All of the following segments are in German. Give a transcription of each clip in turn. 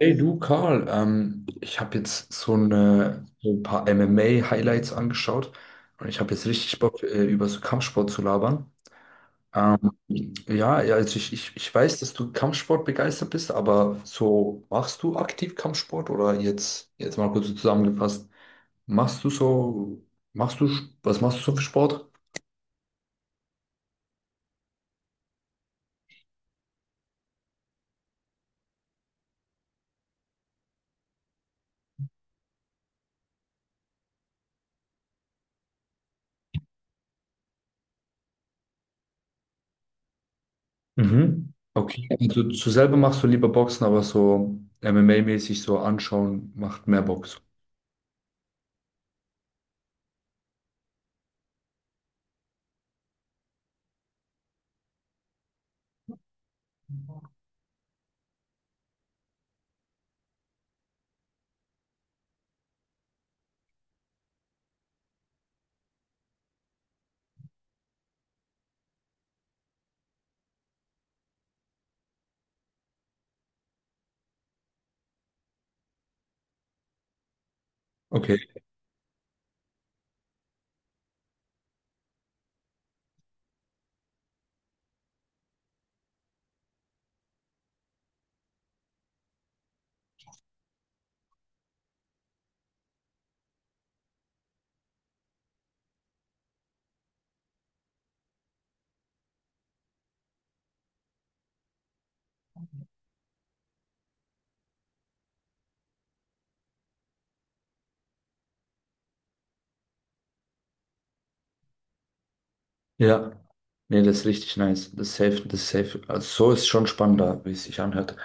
Hey du, Karl, ich habe jetzt so ein paar MMA-Highlights angeschaut und ich habe jetzt richtig Bock, über so Kampfsport zu labern. Ähm, ja, ja, also ich weiß, dass du Kampfsport begeistert bist, aber so machst du aktiv Kampfsport oder jetzt mal kurz so zusammengefasst, machst du so, machst du, was machst du so für Sport? Mhm. Okay, also du selber machst du lieber Boxen, aber so MMA-mäßig so anschauen macht mehr Bock. Okay, ja. Nee, das ist richtig nice. Das ist safe, das ist safe. Also so ist schon spannender, wie es sich anhört.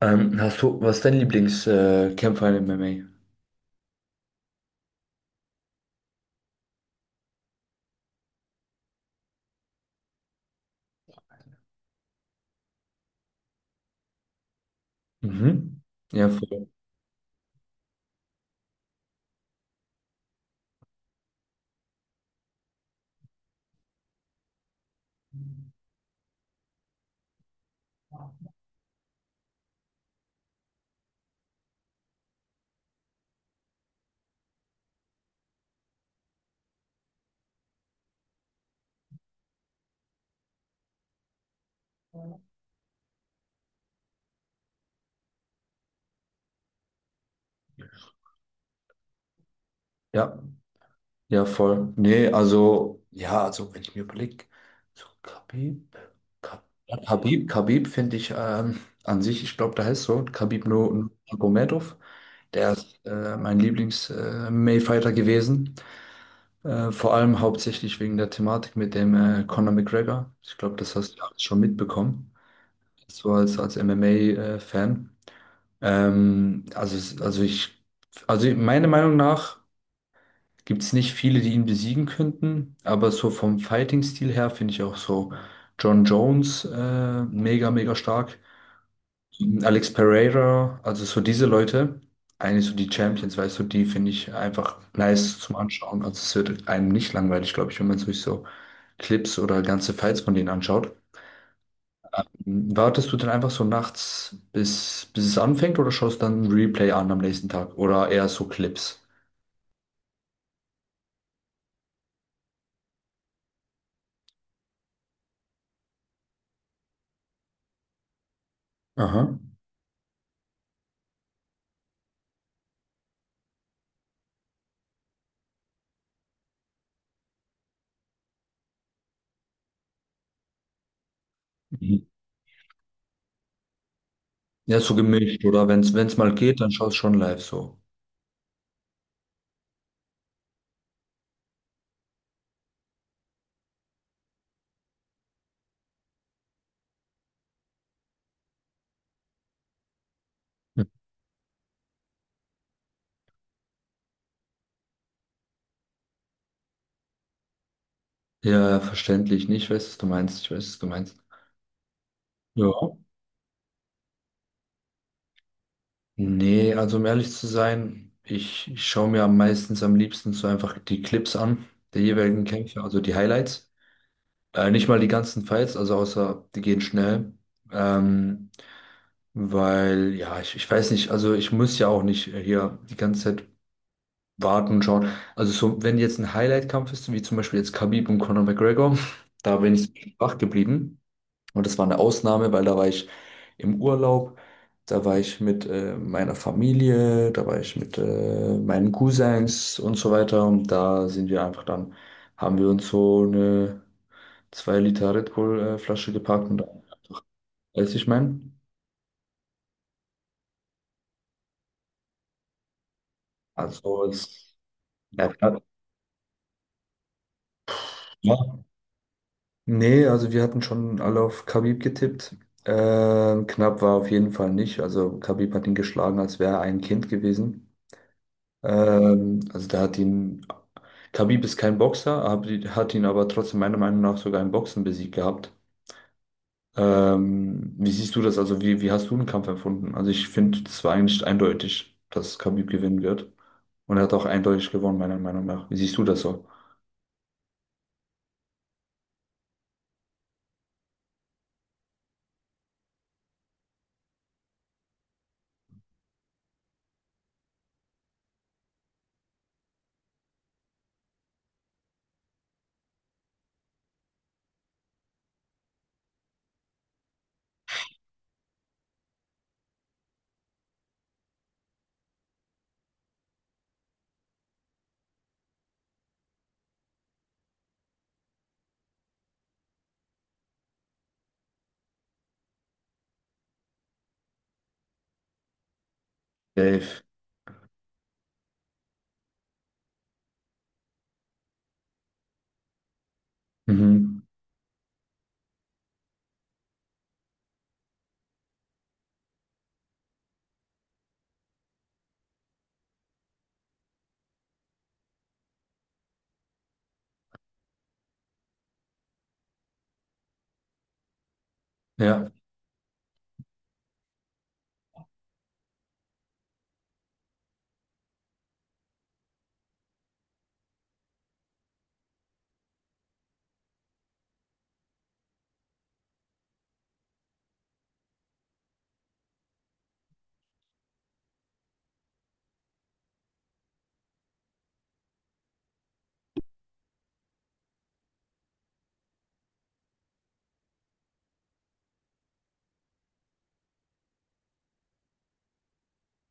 Was ist dein Lieblingskämpfer Kämpfer in MMA? Mhm. Ja, voll. Ja, ja, voll. Nee, also, ja, also wenn ich mir überlege, so Ka- Khabib finde ich an sich, ich glaube, der heißt so, Nurmagomedov, der ist mein Lieblings-MMA-Fighter gewesen. Vor allem hauptsächlich wegen der Thematik mit dem Conor McGregor. Ich glaube, das hast du ja alles schon mitbekommen. So als, als MMA-Fan. Ähm, also, es- also ich, also meiner Meinung nach gibt es nicht viele, die ihn besiegen könnten, aber so vom Fighting-Stil her finde ich auch so John Jones mega, mega stark. Alex Pereira, also so diese Leute, eigentlich so die Champions, weißt du, die finde ich einfach nice zum Anschauen. Also es wird einem nicht langweilig, glaube ich, wenn man sich so Clips oder ganze Fights von denen anschaut. Wartest du denn einfach so nachts, bis es anfängt oder schaust dann ein Replay an am nächsten Tag oder eher so Clips? Aha. Mhm. Ja, so gemischt oder wenn es mal geht, dann schaust du schon live so. Mhm. Ja, verständlich. Nee, ich weiß, was du meinst. Ich weiß, was du meinst. Ja. Nee, also um ehrlich zu sein, ich schaue mir am meistens am liebsten so einfach die Clips an, der jeweiligen Kämpfe, also die Highlights. Nicht mal die ganzen Fights, also außer die gehen schnell. Ähm, Weil, ja, ich weiß nicht, also ich muss ja auch nicht hier die ganze Zeit warten und schauen. Also so, wenn jetzt ein Highlight-Kampf ist, wie zum Beispiel jetzt Khabib und Conor McGregor, da bin ich so wach geblieben. Und das war eine Ausnahme, weil da war ich im Urlaub, da war ich mit meiner Familie, da war ich mit meinen Cousins und so weiter. Und da sind wir einfach dann, haben wir uns so eine 2 Liter Red Bull Flasche gepackt und dann, weiß ich mein. Also es, ja, ja. Nee, also wir hatten schon alle auf Khabib getippt. Knapp war auf jeden Fall nicht. Also Khabib hat ihn geschlagen, als wäre er ein Kind gewesen. Ähm, also da hat ihn, Khabib ist kein Boxer, hat ihn aber trotzdem meiner Meinung nach sogar im Boxen besiegt gehabt. Wie siehst du das? Also wie hast du den Kampf empfunden? Also ich finde, das war eigentlich eindeutig, dass Khabib gewinnen wird. Und er hat auch eindeutig gewonnen, meiner Meinung nach. Wie siehst du das so? Dave. Mhm. Ja.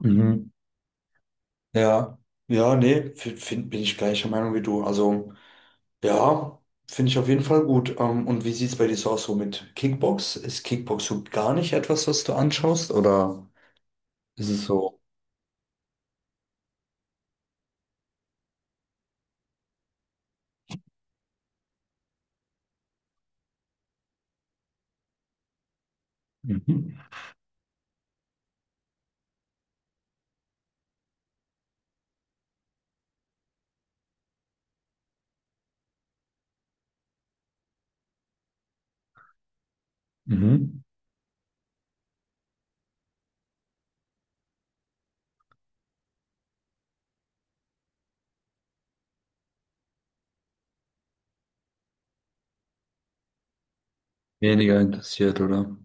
Mhm. Ja. Ja, nee, bin ich gleicher Meinung wie du. Also. Ja, finde ich auf jeden Fall gut. Und wie sieht es bei dir so aus so mit Kickbox? Ist Kickbox so gar nicht etwas, was du anschaust? Oder ist es so mhm. Mhm. Weniger interessiert, oder?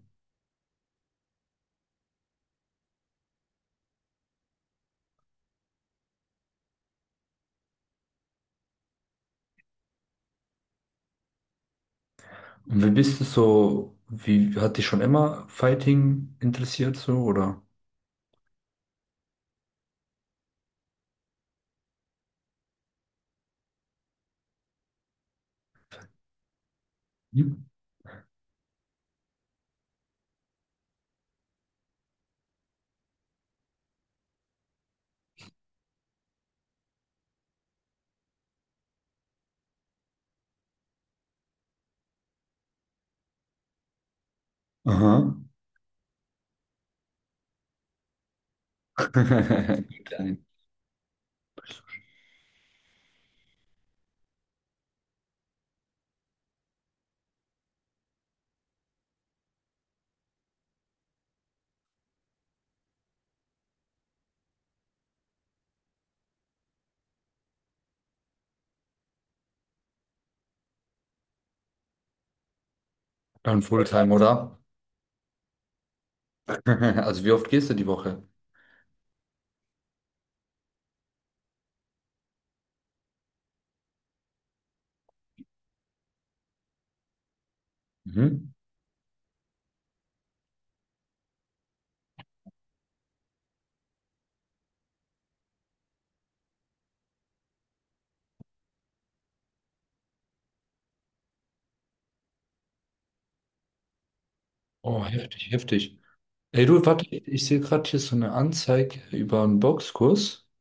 Und wie bist du so, Wie hat dich schon immer Fighting interessiert, so, oder? Mhm. Aha. Fulltime. Dann Fulltime, oder? Also wie oft gehst du die Woche? Mhm. Oh, heftig, heftig. Ey, du, warte, ich sehe gerade hier so eine Anzeige über einen Boxkurs.